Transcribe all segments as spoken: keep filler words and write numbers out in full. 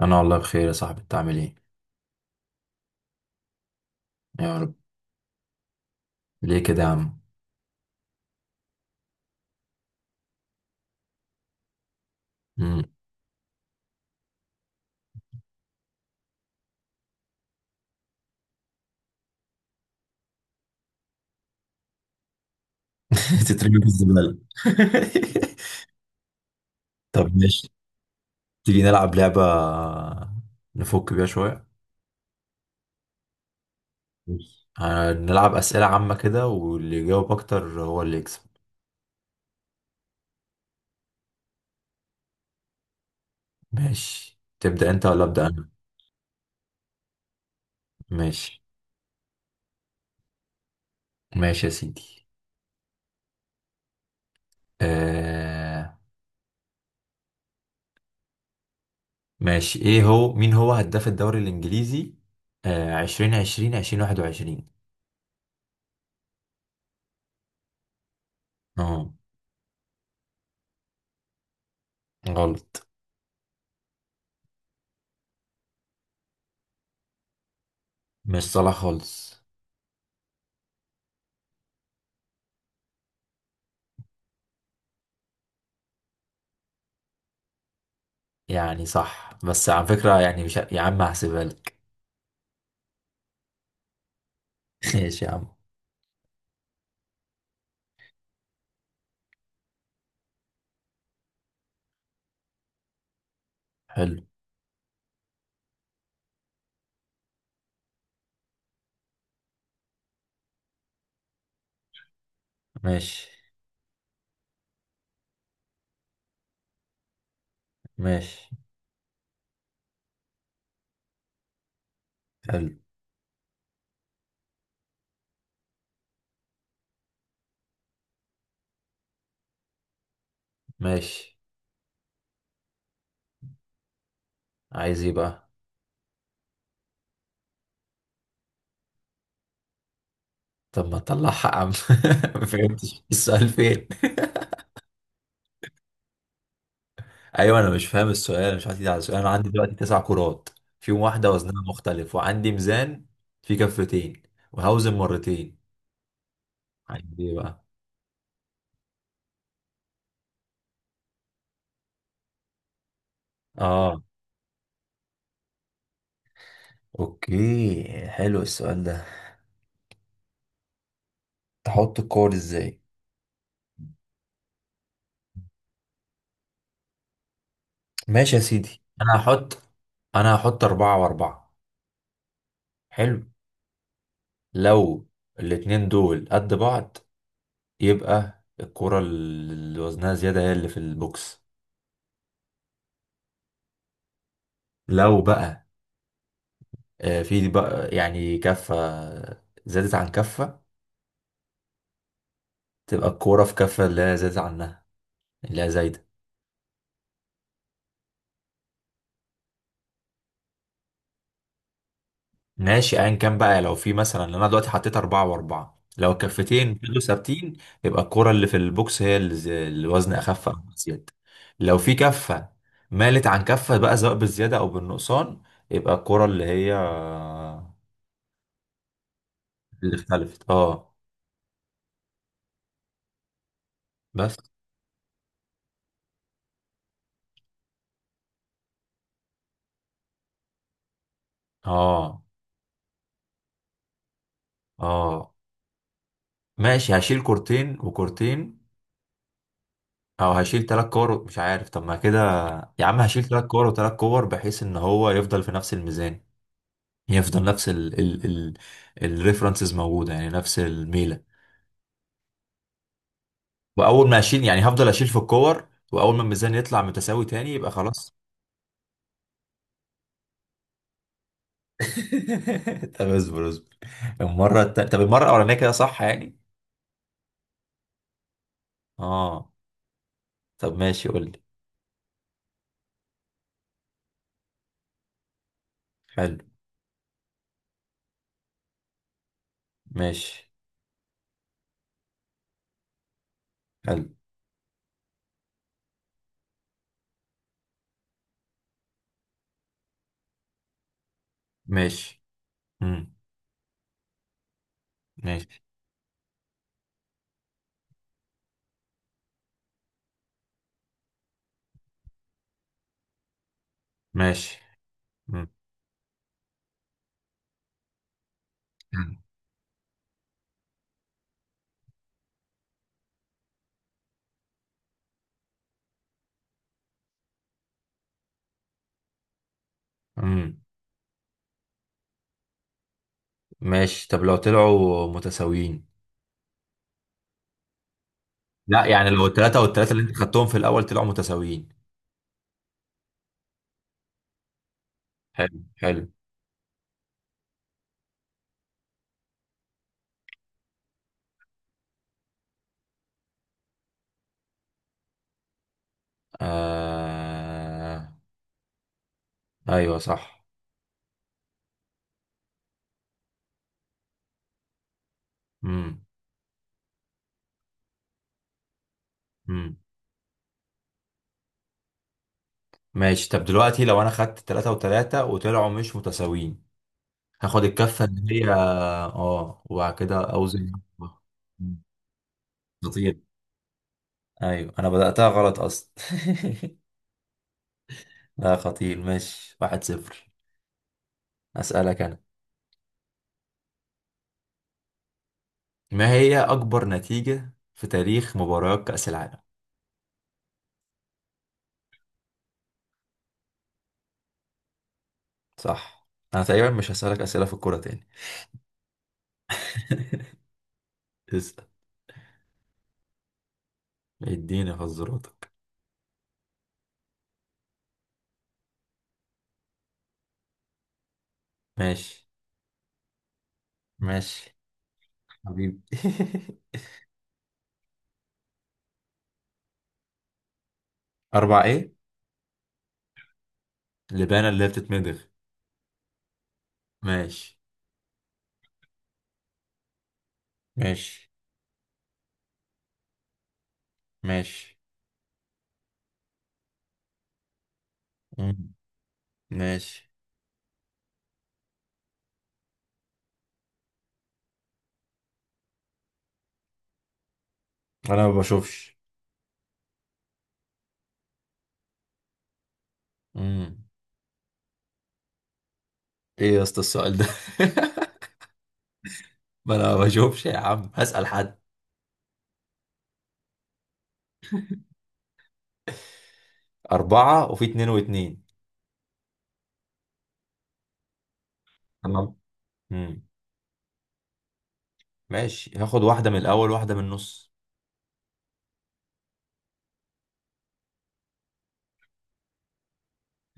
انا والله بخير يا صاحبي، انت عامل ايه؟ يا رب. ليه كده يا عم؟ مم. تترمي في الزباله. طب ماشي، تيجي نلعب لعبه نفك بيها شويه. ماشي. هنلعب اسئله عامه كده واللي يجاوب اكتر هو اللي يكسب. ماشي، تبدا انت ولا ابدا انا؟ ماشي. ماشي يا سيدي. آه... ماشي. ايه هو؟ مين هو هداف الدوري الانجليزي آه... ألفين وعشرين ألفين وواحد وعشرين؟ اه. غلط. مش صلاح خالص. يعني صح، بس على فكرة، يعني مش، يا عم هحسبها لك. ماشي يا عم. حلو. ماشي. ماشي. حلو. ماشي. عايز ايه بقى؟ طب ما تطلعها يا عم. ما فهمتش السؤال فين. ايوه، انا مش فاهم السؤال، أنا مش عارف على السؤال. انا عندي دلوقتي تسع كرات، فيهم واحدة وزنها مختلف، وعندي ميزان فيه كفتين، وهوزن مرتين. عندي ايه بقى؟ اه، اوكي، حلو السؤال ده. تحط الكور ازاي؟ ماشي يا سيدي، انا هحط. انا هحط اربعة واربعة. حلو. لو الاتنين دول قد بعض، يبقى الكرة اللي وزنها زيادة هي اللي في البوكس. لو بقى آه، في بقى يعني كفة زادت عن كفة، تبقى الكرة في كفة اللي هي زادت عنها، اللي هي زايدة. ماشي ايا كان بقى. لو في مثلا، انا دلوقتي حطيت أربعة وأربعة، لو الكفتين فضلوا ثابتين، يبقى الكرة اللي في البوكس هي اللي ز- الوزن أخف أو زيادة. لو في كفة مالت عن كفة بقى، سواء بالزيادة أو بالنقصان، يبقى الكرة اللي هي اللي اختلفت. اه. بس. اه اه ماشي. هشيل كورتين وكورتين، او هشيل تلات كور، مش عارف. طب ما كده يا عم، هشيل تلات كور وتلات كور بحيث ان هو يفضل في نفس الميزان. يفضل نفس ال ال ال الريفرنسز موجودة، يعني نفس الميلة. وأول ما أشيل يعني هفضل أشيل في الكور، وأول ما الميزان يطلع متساوي تاني يبقى خلاص. طب اصبر اصبر. المرة الت... طب المرة الأولانية كده صح يعني؟ اه. طب ماشي، قول لي. حلو. ماشي. حلو. ماشي. مم. ماشي. ماشي. مم. مم. ماشي. طب لو طلعوا متساويين. لا، يعني لو التلاتة والتلاتة اللي انت خدتهم في الأول طلعوا متساويين. حلو حلو. آه... ايوه صح. امم. امم. ماشي. طب دلوقتي لو انا خدت تلاتة وتلاتة وطلعوا مش متساويين، هاخد الكفة اللي هي، اه، وبعد كده اوزن. مم. خطير. ايوه، انا بدأتها غلط اصلا. لا، خطير. ماشي، واحد صفر. اسألك انا. ما هي اكبر نتيجة في تاريخ مباريات كأس العالم؟ صح. انا تقريبا مش هسألك اسئلة في الكورة تاني. اسأل. اديني حظراتك. ماشي. ماشي. حبيبي. أربع إيه؟ لبانة اللي هي بتتمضغ. ماشي. ماشي. ماشي. مم. ماشي. أنا ما بشوفش. مم. إيه يا اسطى السؤال ده؟ ما أنا ما بشوفش يا عم، هسأل حد. أربعة، وفي اتنين واتنين. تمام. مم. ماشي، هاخد واحدة من الأول واحدة من النص.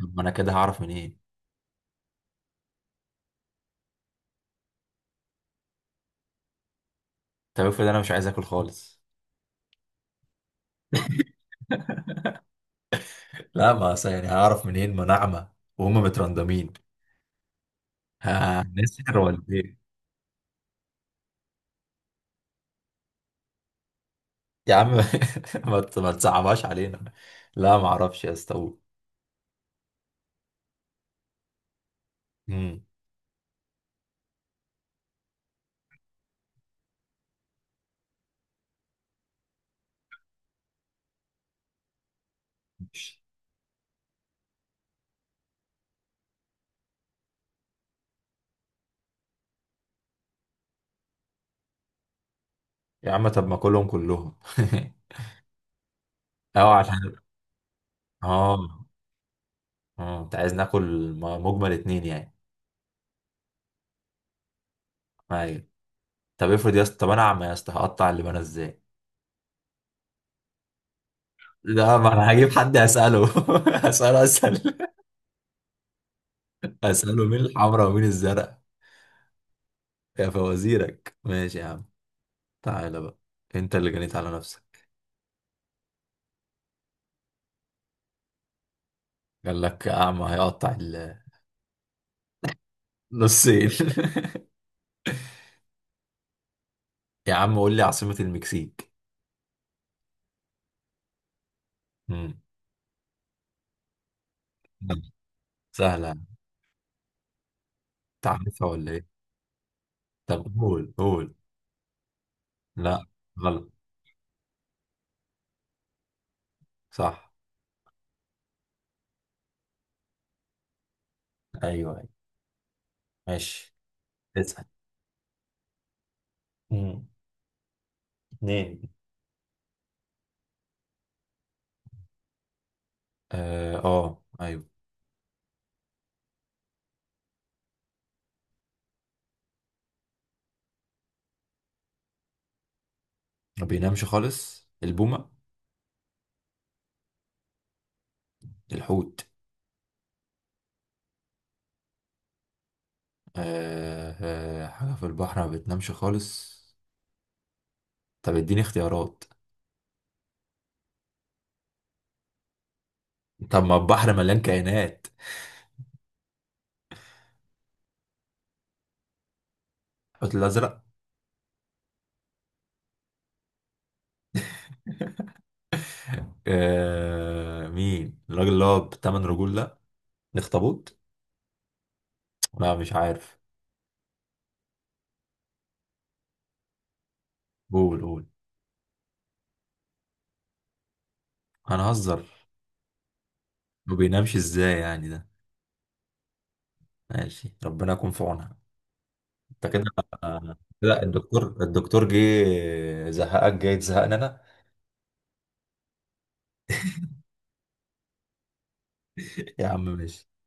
طب ما أنا كده هعرف منين؟ طب افرض أنا مش عايز آكل خالص. لا، ما أصل يعني هعرف منين، ما ناعمة وهم مترندمين. هنسحر ولا إيه؟ يا عم، ما ت- ما تصعبهاش علينا. لا، ما اعرفش يا اسطى. امم. يا عم، طب ما كلهم كلهم. اه عشان، اه اه انت عايز ناكل م- مجمل اتنين يعني. ايوه. طب افرض يا اسطى، طب انا عم يا اسطى، هقطع اللي انا ازاي؟ لا، ما انا هجيب حد اساله. اساله، اسال. اساله مين الحمراء ومين الزرق. يا فوازيرك. ماشي يا عم، تعالى بقى. انت اللي جنيت على نفسك. قال لك اعمى هيقطع النصين. يا عم قول لي عاصمة المكسيك. مم. لا، سهلة. تعرفها ولا ايه؟ طب قول قول. لا. غلط. صح. ايوه ايوه. ماشي. اسأل. مم. اتنين. اه آه، ايوه. ما بينامش خالص؟ البومة. الحوت. آه آه حاجة في البحر ما بتنامش خالص. طب اديني اختيارات. طب ما البحر مليان كائنات. الحوت الأزرق. آه، مين الراجل اللي هو بتمن رجول ده. الاخطبوط. لا، مش عارف. قول قول. هنهزر. ما بينامش ازاي يعني ده. ماشي، ربنا يكون في عونها. انت كده. لا، الدكتور الدكتور جه زهقك جاي تزهقنا انا. يا عم ماشي.